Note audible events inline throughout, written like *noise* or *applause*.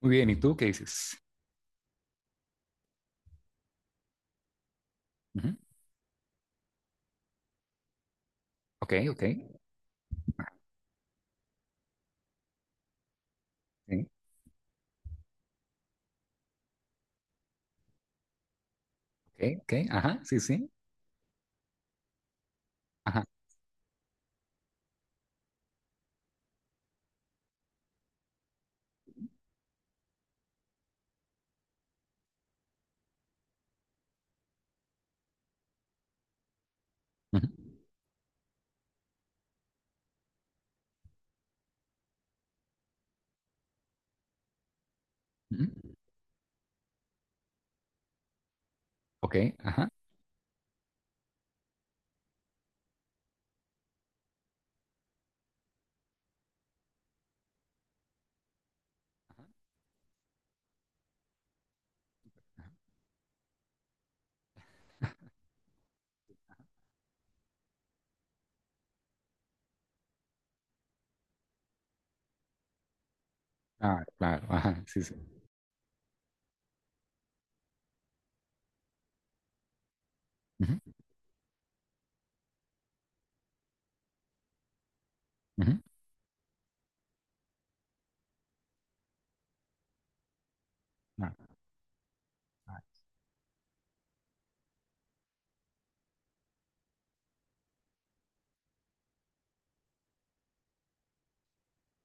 Muy bien, ¿y tú qué dices? Ujú, ok, ok, sí, ok, ok, ajá, sí, sí, ajá, ujú, ujú, ok, ajá, ah, claro, ajá, sí, sí. Ujú, ujú, ah, ah.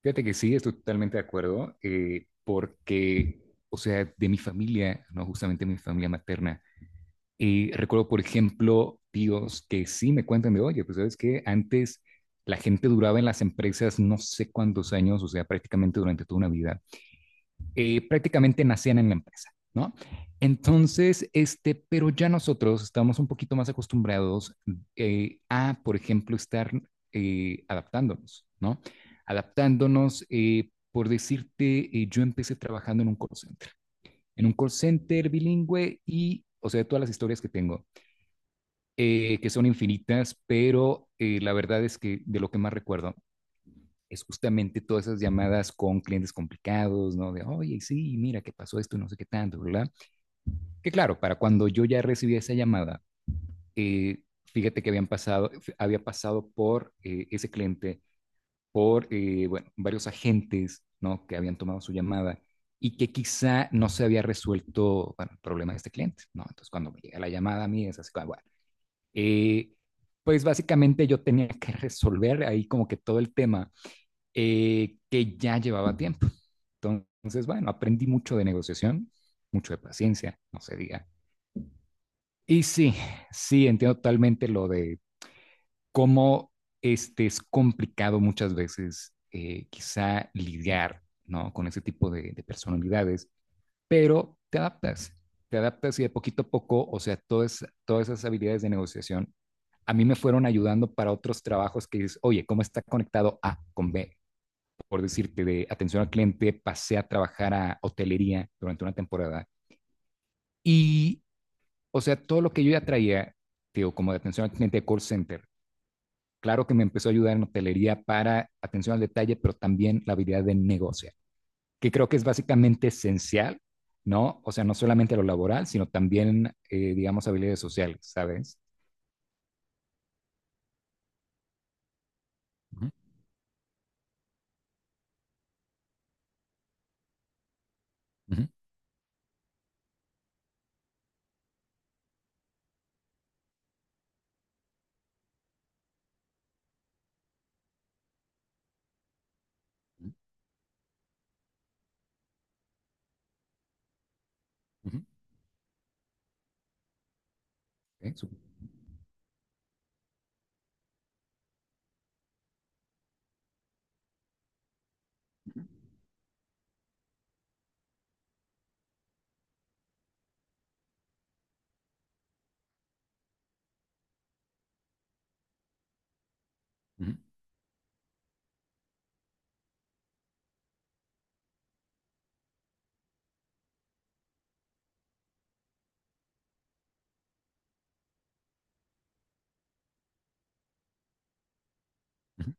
Fíjate que sí, estoy totalmente de acuerdo, porque, o sea, de mi familia, no justamente mi familia materna, y recuerdo, por ejemplo, tíos que sí me cuentan de, oye, pues sabes que antes la gente duraba en las empresas no sé cuántos años, o sea, prácticamente durante toda una vida, prácticamente nacían en la empresa, ¿no? Entonces, este, pero ya nosotros estamos un poquito más acostumbrados, a, por ejemplo, estar adaptándonos, ¿no? Adaptándonos, por decirte, yo empecé trabajando en un call center, en un call center bilingüe y, o sea, todas las historias que tengo, que son infinitas, pero la verdad es que de lo que más recuerdo es justamente todas esas llamadas con clientes complicados, ¿no? De, oye, sí, mira, ¿qué pasó esto? No sé qué tanto, ¿verdad? Que claro, para cuando yo ya recibí esa llamada, fíjate que habían pasado, había pasado por ese cliente, por, bueno, varios agentes, ¿no? Que habían tomado su llamada y que quizá no se había resuelto, bueno, el problema de este cliente, ¿no? Entonces, cuando me llega la llamada a mí, es así, bueno, eh, pues básicamente yo tenía que resolver ahí como que todo el tema, que ya llevaba tiempo. Entonces, bueno, aprendí mucho de negociación, mucho de paciencia, no se diga. Y sí, sí, entiendo totalmente lo de cómo este es complicado muchas veces, quizá lidiar, ¿no? Con ese tipo de personalidades, pero te adaptas y de poquito a poco, o sea, todas esas habilidades de negociación a mí me fueron ayudando para otros trabajos que dices, oye, ¿cómo está conectado A con B? Por decirte, de atención al cliente, pasé a trabajar a hotelería durante una temporada. Y, o sea, todo lo que yo ya traía, digo, como de atención al cliente de call center, claro que me empezó a ayudar en hotelería para atención al detalle, pero también la habilidad de negociar que creo que es básicamente esencial, ¿no? O sea, no solamente lo laboral, sino también, digamos, habilidades sociales, ¿sabes? Uh-huh, uh-huh, uh-huh, ¿eh? Uh-huh, uh-huh,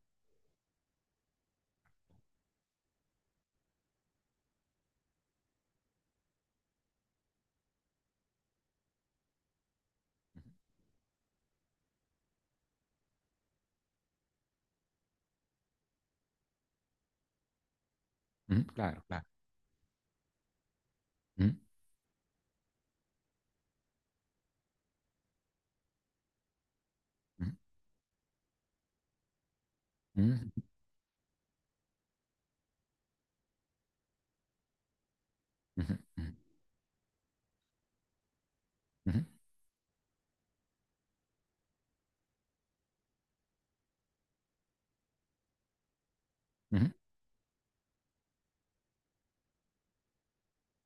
uh-huh, claro, claro. Ujú, ujú, ujú,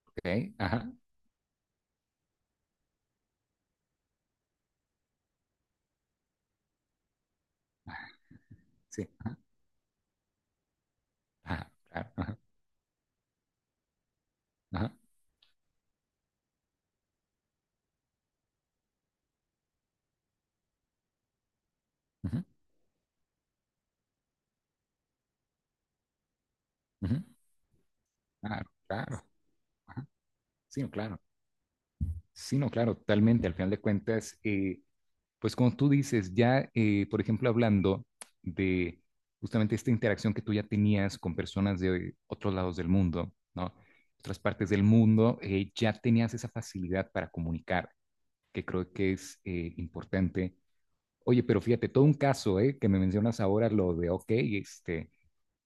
ok, ajá, ajá, sí, ajá, ajá, claro, ajá, ajá, ujú, ujú, claro, claro, ajá, sí, no, claro, sí, no, claro, totalmente, al final de cuentas, pues como tú dices, ya, por ejemplo, hablando de justamente esta interacción que tú ya tenías con personas de otros lados del mundo, ¿no? Otras partes del mundo, ya tenías esa facilidad para comunicar, que creo que es, importante. Oye, pero fíjate, todo un caso, ¿eh? Que me mencionas ahora lo de, ok, este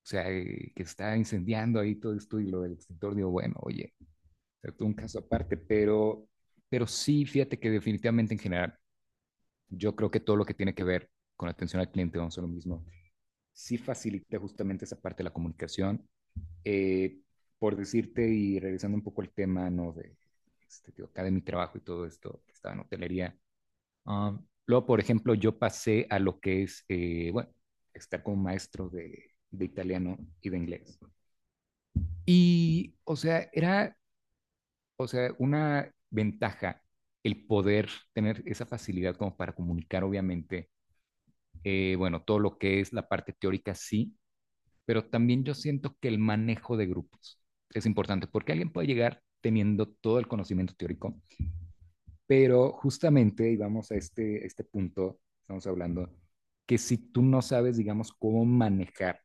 o sea, que está incendiando ahí todo esto y lo del extintor, digo, bueno, oye, o sea, todo un caso aparte, pero sí, fíjate que definitivamente en general, yo creo que todo lo que tiene que ver con la atención al cliente, vamos a lo mismo, sí facilita justamente esa parte de la comunicación. Eh, por decirte, y regresando un poco al tema, ¿no? De, este, digo, acá de mi trabajo y todo esto, que estaba en hotelería. Luego, por ejemplo, yo pasé a lo que es, bueno, estar como maestro de italiano y de inglés. Y, o sea, era, o sea, una ventaja el poder tener esa facilidad como para comunicar, obviamente, bueno, todo lo que es la parte teórica, sí, pero también yo siento que el manejo de grupos es importante, porque alguien puede llegar teniendo todo el conocimiento teórico, pero justamente, y vamos a este punto, estamos hablando, que si tú no sabes, digamos, cómo manejar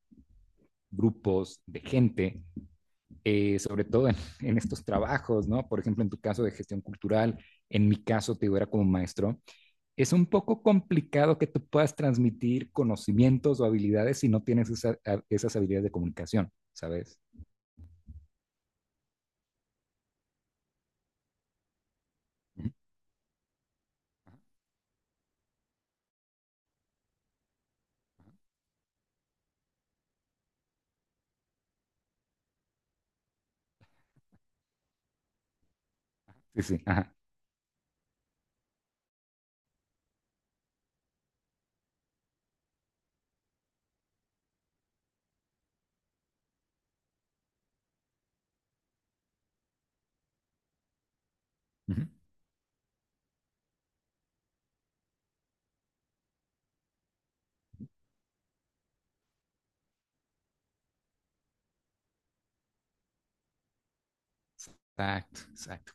grupos de gente, sobre todo en, *laughs* en, estos trabajos, ¿no? Por ejemplo, en tu caso de gestión cultural, en mi caso, te digo, era como maestro, es un poco complicado que tú puedas transmitir conocimientos o habilidades si no tienes esas habilidades de comunicación, ¿sabes? Sí, sí, ajá. Exacto, exacto.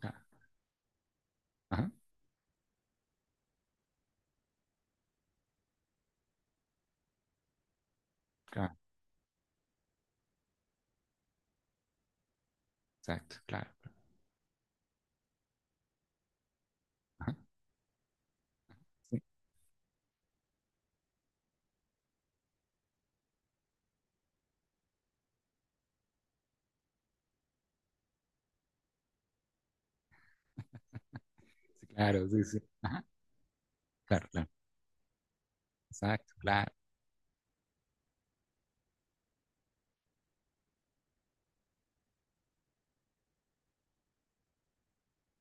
Ajá, ajá, claro, exacto, claro. Ajá, sí, sí, claro, sí, sí. Ajá, claro, claro. Exacto, claro,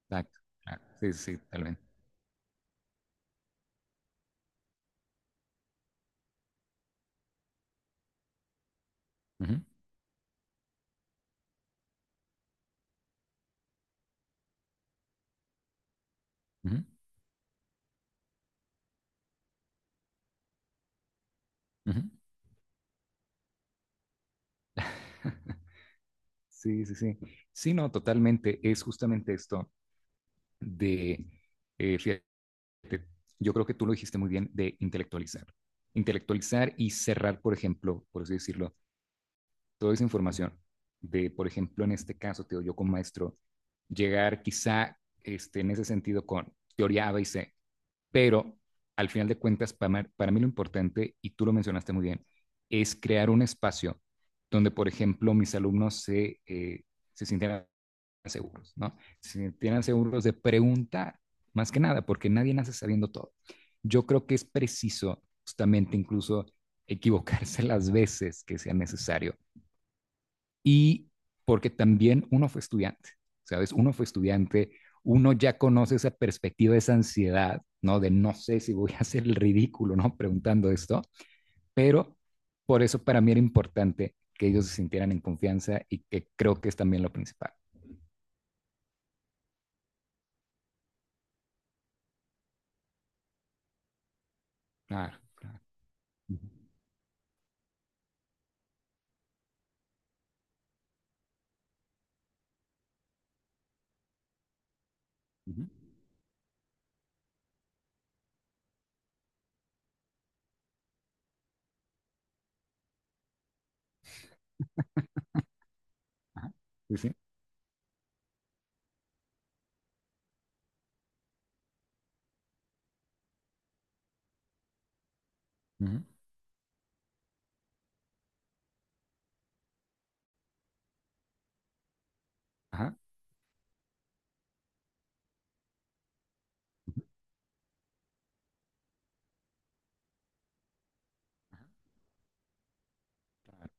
exacto, claro. Sí, sí, sí, tal vez. Ujú, ujú, ujú. *laughs* Sí, sí, sí. Sí, no, totalmente. Es justamente esto de, fíjate, yo creo que tú lo dijiste muy bien, de intelectualizar. Intelectualizar y cerrar, por ejemplo, por así decirlo, toda esa información. De, por ejemplo, en este caso, te digo, yo con maestro, llegar quizá este, en ese sentido con teoría A, B y C, pero al final de cuentas, para mí lo importante, y tú lo mencionaste muy bien, es crear un espacio donde, por ejemplo, mis alumnos se sientan seguros, ¿no? Si tienen seguros de preguntar, más que nada, porque nadie nace sabiendo todo. Yo creo que es preciso justamente incluso equivocarse *laughs* las veces que sea necesario. Y porque también uno fue estudiante, ¿sabes? Uno fue estudiante, uno ya conoce esa perspectiva, esa ansiedad, ¿no? De no sé si voy a hacer el ridículo, ¿no? Preguntando esto, pero por eso para mí era importante que ellos se sintieran en confianza y que creo que es también lo principal. Claro, claro. Ujú, ajá. Sí, sí. Ujú, ajá. Claro,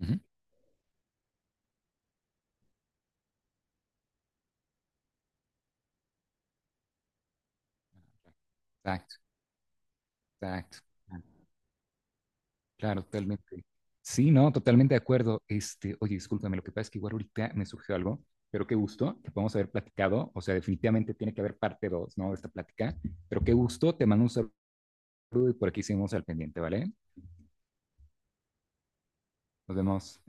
ujú, exacto, exacto. Claro, claro, totalmente. Sí, no, totalmente de acuerdo. Este, oye, discúlpame, lo que pasa es que igual ahorita me surgió algo, pero qué gusto que podamos haber platicado. O sea, definitivamente tiene que haber parte dos, ¿no? De esta plática. Pero qué gusto, te mando un saludo y por aquí seguimos al pendiente, ¿vale? Nos vemos.